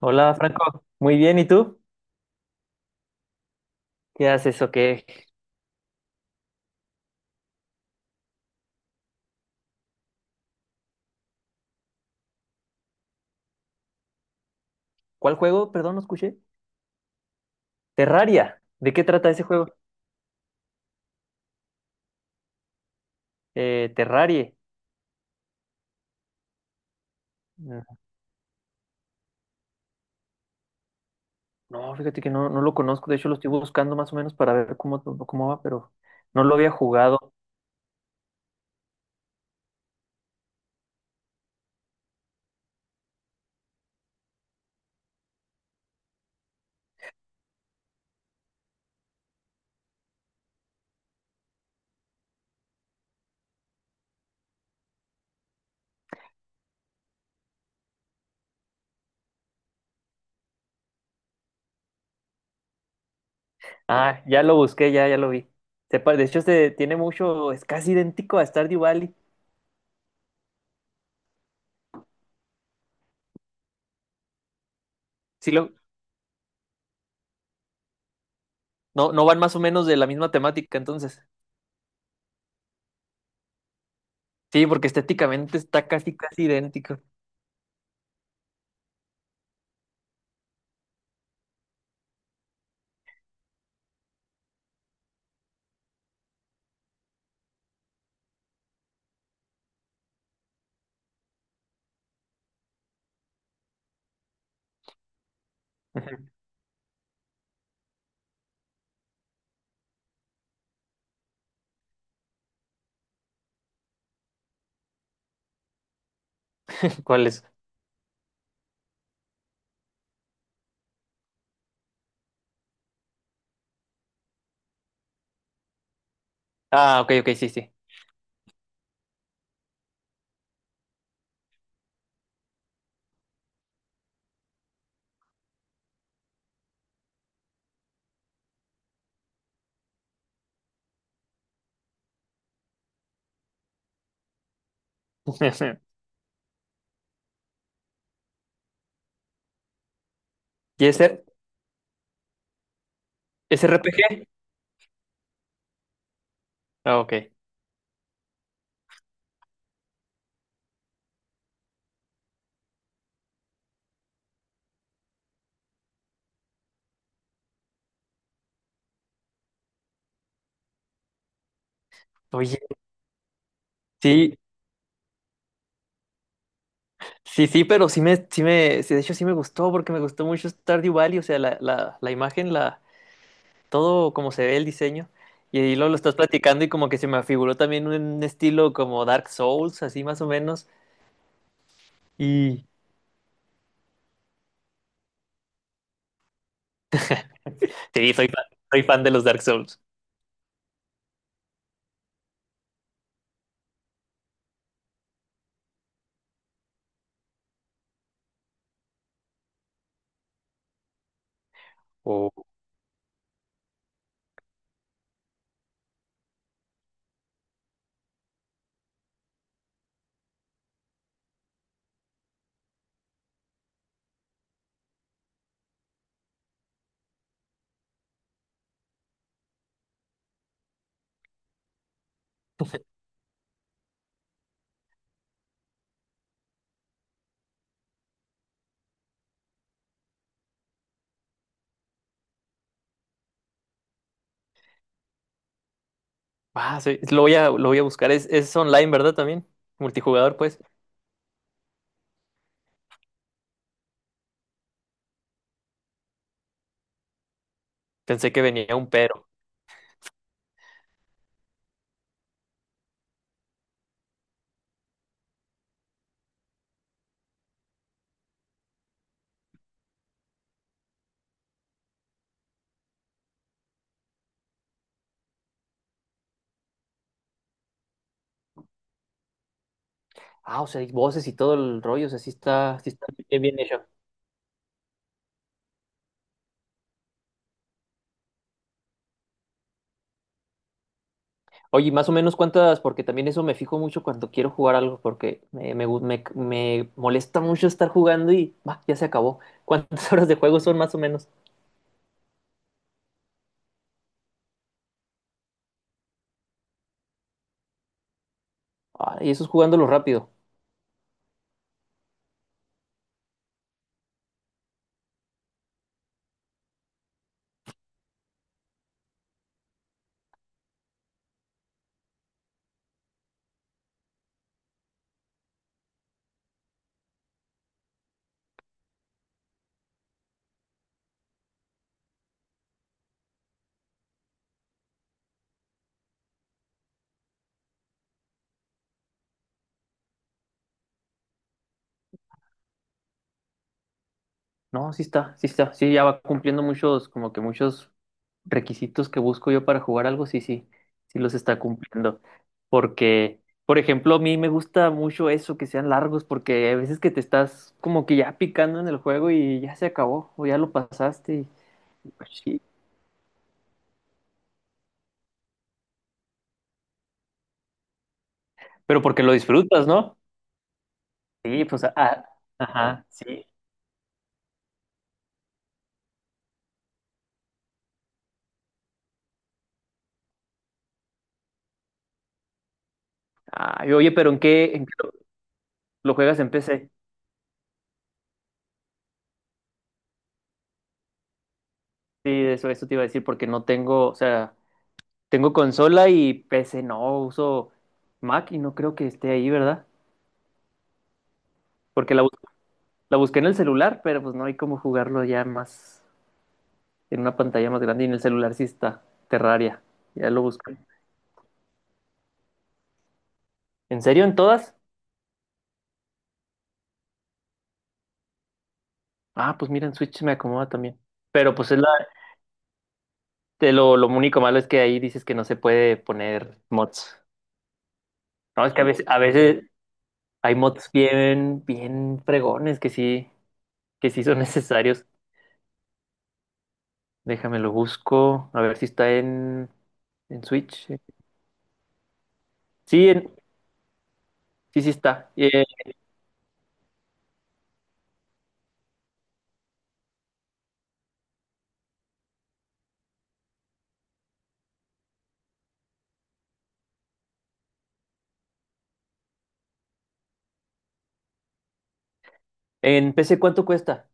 Hola Franco, muy bien, ¿y tú? ¿Qué haces o qué? ¿Cuál juego? Perdón, no escuché. Terraria, ¿de qué trata ese juego? Terrarie. Mm, no, fíjate que no, no lo conozco, de hecho lo estoy buscando más o menos para ver cómo va, pero no lo había jugado. Ah, ya lo busqué, ya, ya lo vi. De hecho, se tiene mucho, es casi idéntico a Stardew Valley. Sí, lo, no, no van más o menos de la misma temática, entonces. Sí, porque estéticamente está casi idéntico. Ujú. ¿Cuál es? Ah, ok, ok, sí, sí. ¿Y ese? ¿Es RPG? Ah, ok. Oye, sí, sí, sí, pero sí, de hecho sí me gustó porque me gustó mucho Stardew Valley, o sea, la imagen, la, todo como se ve el diseño. Y lo estás platicando y como que se me afiguró también un estilo como Dark Souls, así más o menos. Y sí, soy fan de los Dark Souls. Oh. Ah, sí, lo voy a buscar. Es online, ¿verdad? También. Multijugador, pues. Pensé que venía un pero. Ah, o sea, hay voces y todo el rollo, o sea, sí está bien bien hecho. Oye, más o menos cuántas, porque también eso me fijo mucho cuando quiero jugar algo, porque me molesta mucho estar jugando y bah, ya se acabó. ¿Cuántas horas de juego son más o menos? Ah, y eso es jugándolo rápido. No, sí está, sí está, sí ya va cumpliendo muchos, como que muchos requisitos que busco yo para jugar algo, sí, sí, sí los está cumpliendo. Porque, por ejemplo, a mí me gusta mucho eso, que sean largos, porque a veces que te estás como que ya picando en el juego y ya se acabó, o ya lo pasaste. Pero porque lo disfrutas, ¿no? Sí, pues, ah, ajá, sí. Ay, oye, pero lo juegas en PC? Sí, eso te iba a decir porque no tengo, o sea, tengo consola y PC no, uso Mac y no creo que esté ahí, ¿verdad? Porque la, bus- la busqué en el celular, pero pues no hay cómo jugarlo ya más en una pantalla más grande y en el celular sí está Terraria, ya lo busqué. ¿En serio en todas? Ah, pues mira, en Switch me acomoda también. Pero pues es la, te Lo único malo es que ahí dices que no se puede poner mods. No, es que a veces hay mods bien fregones que sí son necesarios. Déjame lo busco, a ver si está en Switch. Sí, sí, sí está. En PC, ¿cuánto cuesta?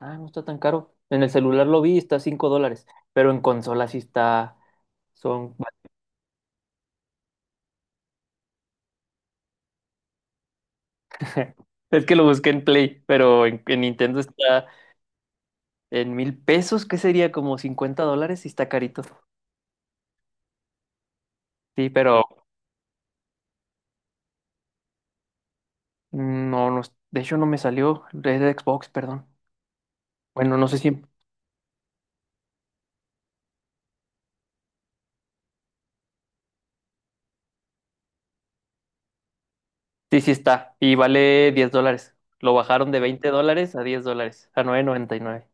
Ah, no está tan caro. En el celular lo vi, está $5, pero en consola sí está, son... Es que lo busqué en Play, pero en Nintendo está en 1,000 pesos, que sería como $50 y está carito. Sí, pero... no, de hecho no me salió. Es de Xbox, perdón. Bueno, no sé si. Sí, sí está. Y vale $10. Lo bajaron de $20 a $10. A 9.99.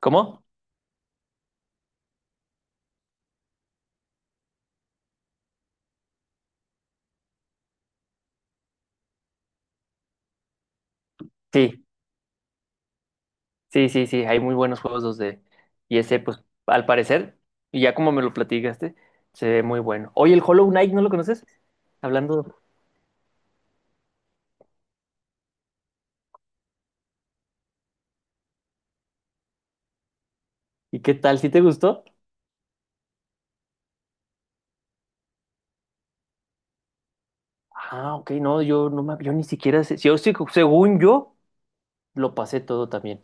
¿Cómo? Sí, sí, sí, sí. Hay muy buenos juegos 2D. Y ese, pues, al parecer, y ya como me lo platicaste, se ve muy bueno. Oye, el Hollow Knight, ¿no lo conoces? Hablando. ¿Y qué tal? ¿Sí te gustó? Ah, ok, no, yo no me, yo ni siquiera sé. Yo sí, según yo, lo pasé todo también.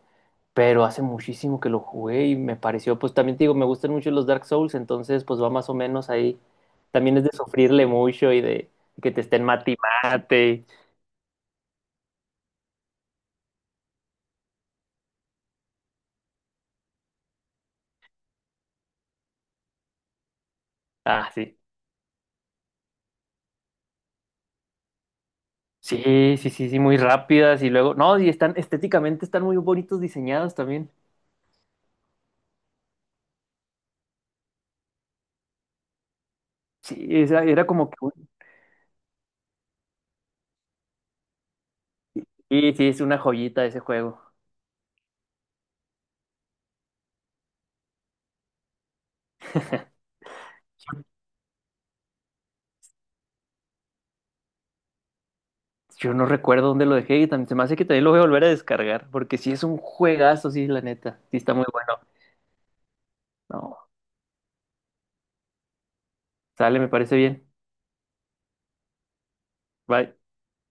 Pero hace muchísimo que lo jugué y me pareció, pues también te digo, me gustan mucho los Dark Souls, entonces pues va más o menos ahí. También es de sufrirle mucho y de que te estén mate y mate. Ah, sí. Sí, sí, sí, sí, muy rápidas y luego, no, y están estéticamente están muy bonitos diseñados también. Sí, esa- era como que un- Sí, sí, es una joyita ese juego. Yo no recuerdo dónde lo dejé y también se me hace que también lo voy a volver a descargar, porque sí es un juegazo, sí, la neta. Sí está muy bueno. No, sale, me parece bien. Bye.